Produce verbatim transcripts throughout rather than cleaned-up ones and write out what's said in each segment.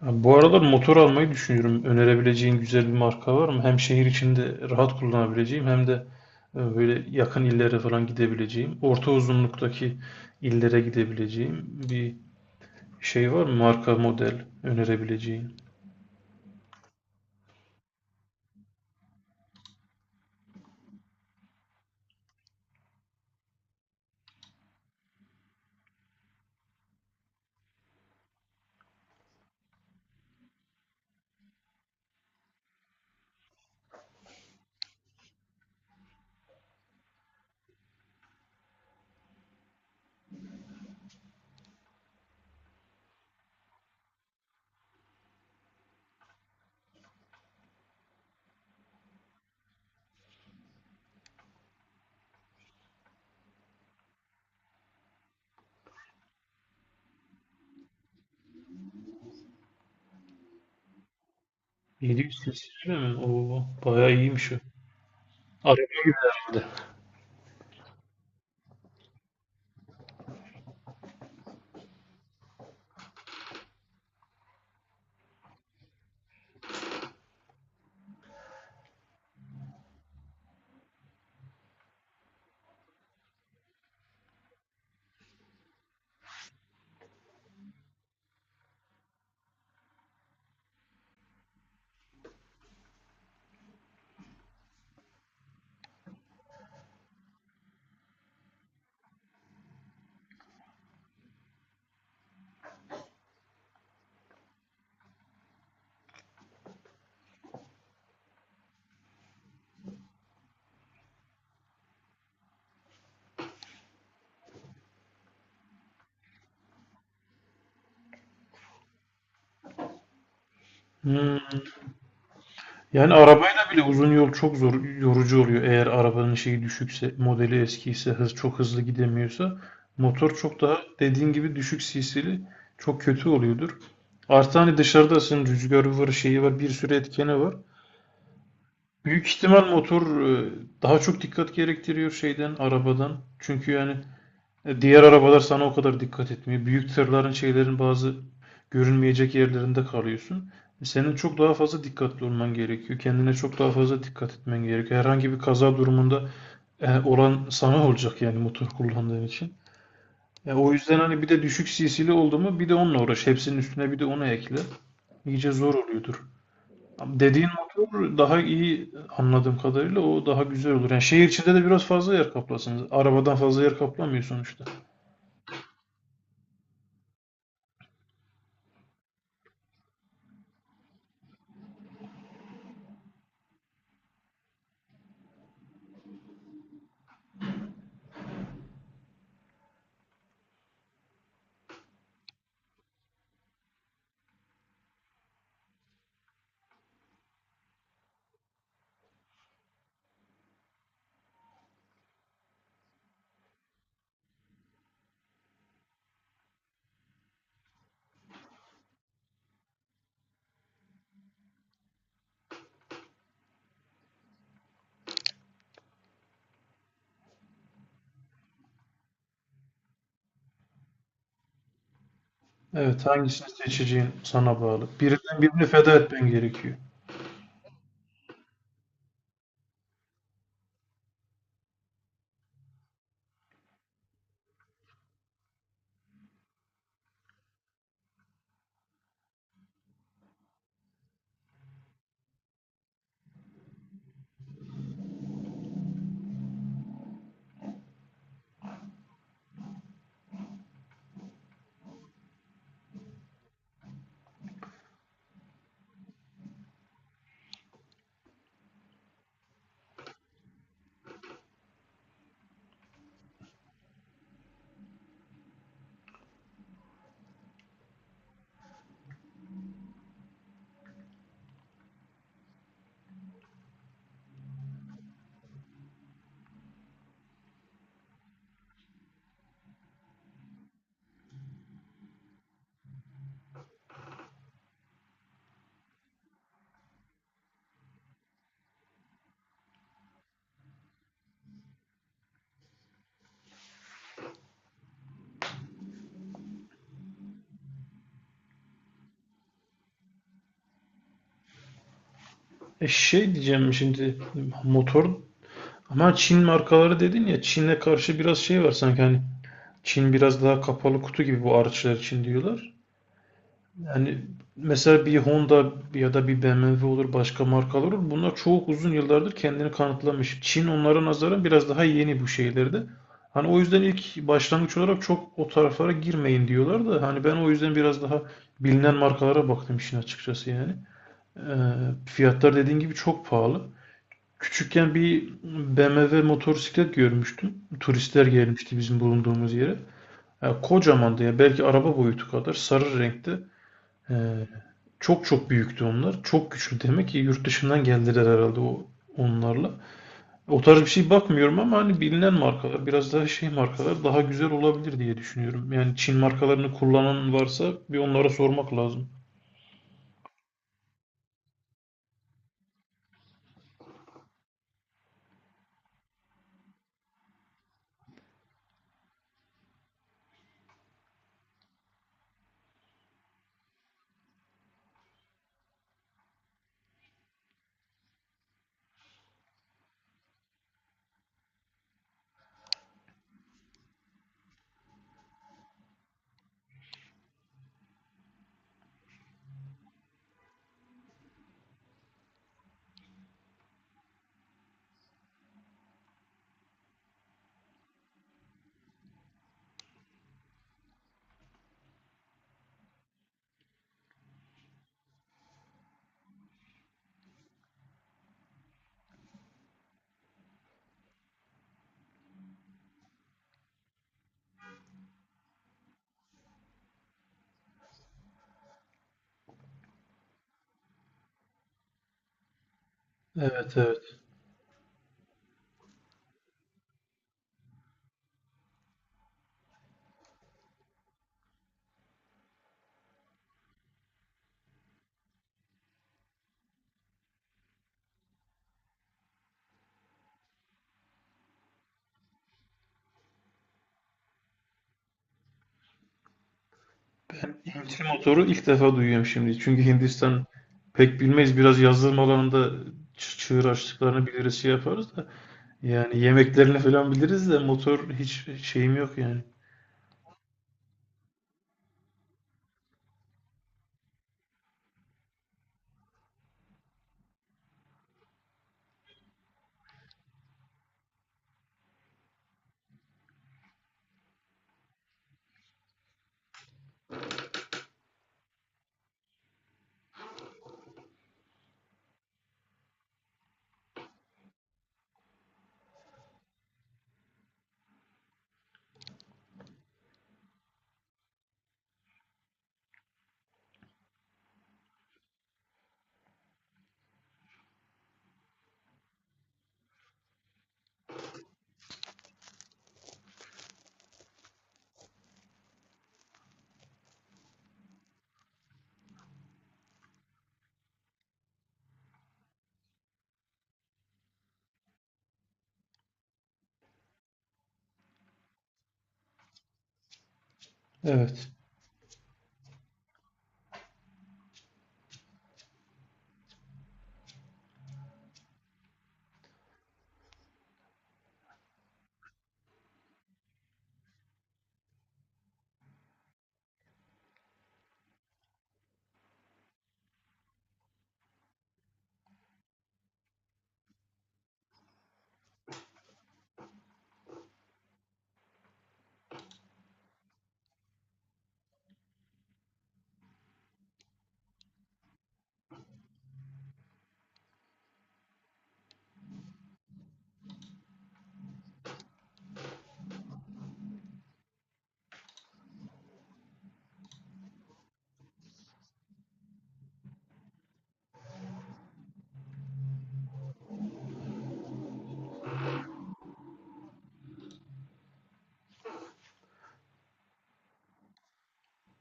Abi, bu aralar motor almayı düşünüyorum. Önerebileceğin güzel bir marka var mı? Hem şehir içinde rahat kullanabileceğim hem de e, böyle yakın illere falan gidebileceğim. Orta uzunluktaki illere gidebileceğim bir şey var mı? Marka model önerebileceğin. yedi yüz cc mi? Oo, bayağı iyiymiş o. Araba gibi herhalde. Hmm. Yani arabayla bile uzun yol çok zor, yorucu oluyor. Eğer arabanın şeyi düşükse, modeli eskiyse, hız çok hızlı gidemiyorsa, motor çok daha dediğin gibi düşük cc'li çok kötü oluyordur. Artı hani dışarıdasın, rüzgarı var, şeyi var, bir sürü etkeni var. Büyük ihtimal motor e, daha çok dikkat gerektiriyor şeyden, arabadan. Çünkü yani e, diğer arabalar sana o kadar dikkat etmiyor. Büyük tırların şeylerin bazı görünmeyecek yerlerinde kalıyorsun. E, Senin çok daha fazla dikkatli olman gerekiyor. Kendine çok daha fazla dikkat etmen gerekiyor. Herhangi bir kaza durumunda e, olan sana olacak yani motor kullandığın için. Ya o yüzden hani bir de düşük C C'li oldu mu bir de onunla uğraş. Hepsinin üstüne bir de onu ekle. İyice zor oluyordur. Ama dediğin motor daha iyi anladığım kadarıyla, o daha güzel olur. Yani şehir içinde de biraz fazla yer kaplasınız. Arabadan fazla yer kaplamıyor sonuçta. Evet, hangisini seçeceğin sana bağlı. Birinden birini feda etmen gerekiyor. E şey diyeceğim şimdi, motor, ama Çin markaları dedin ya, Çin'e karşı biraz şey var sanki hani, Çin biraz daha kapalı kutu gibi bu araçlar için, diyorlar. Yani mesela bir Honda ya da bir B M W olur, başka markalar olur. Bunlar çok uzun yıllardır kendini kanıtlamış. Çin onlara nazaran biraz daha yeni bu şeylerde. Hani o yüzden ilk başlangıç olarak çok o taraflara girmeyin diyorlar da hani ben o yüzden biraz daha bilinen markalara baktım işin açıkçası yani. Ee, Fiyatlar dediğin gibi çok pahalı. Küçükken bir B M W motosiklet görmüştüm. Turistler gelmişti bizim bulunduğumuz yere. Ya kocamandı ya, belki araba boyutu kadar, sarı renkte. Ee, Çok çok büyüktü onlar. Çok güçlü demek ki, yurt dışından geldiler herhalde o onlarla. O tarz bir şey bakmıyorum ama hani bilinen markalar biraz daha şey markalar daha güzel olabilir diye düşünüyorum. Yani Çin markalarını kullanan varsa bir onlara sormak lazım. Evet, evet. Ben Hintli motoru ilk defa duyuyorum şimdi. Çünkü Hindistan pek bilmeyiz. Biraz yazılım alanında ç- çığır açtıklarını biliriz, şey yaparız da. Yani yemeklerini falan biliriz de motor hiç şeyim yok yani. Evet.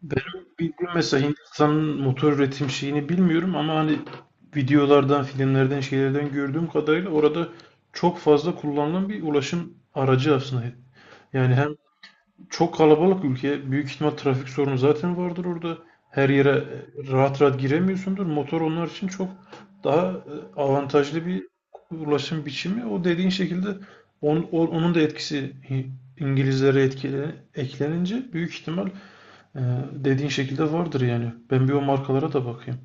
Benim bildiğim mesela, Hindistan'ın motor üretim şeyini bilmiyorum ama hani videolardan, filmlerden, şeylerden gördüğüm kadarıyla orada çok fazla kullanılan bir ulaşım aracı aslında. Yani hem çok kalabalık ülke, büyük ihtimal trafik sorunu zaten vardır orada. Her yere rahat rahat giremiyorsundur. Motor onlar için çok daha e, avantajlı bir ulaşım biçimi. O dediğin şekilde on- o- onun da etkisi İ- İngilizlere etkile, eklenince büyük ihtimal ee, dediğin şekilde vardır yani. Ben bir o markalara da bakayım.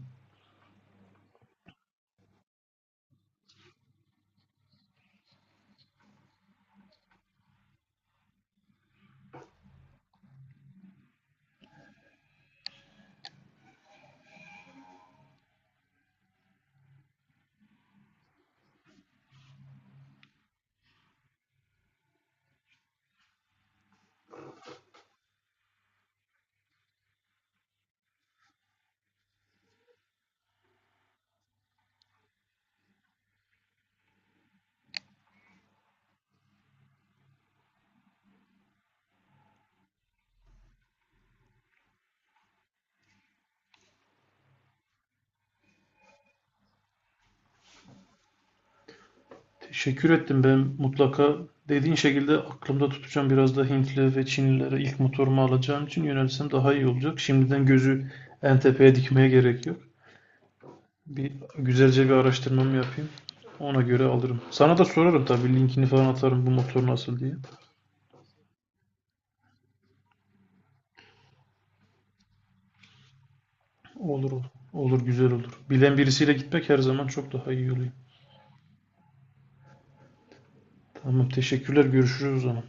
Teşekkür ettim. Ben mutlaka dediğin şekilde aklımda tutacağım. Biraz da Hintli ve Çinlilere ilk motorumu alacağım için yönelsem daha iyi olacak. Şimdiden gözü en tepeye dikmeye gerek yok. Bir güzelce bir araştırmamı yapayım. Ona göre alırım. Sana da sorarım tabii, linkini falan atarım bu motor nasıl diye. Olur, olur. Olur, güzel olur. Bilen birisiyle gitmek her zaman çok daha iyi oluyor. Tamam, teşekkürler. Görüşürüz o zaman.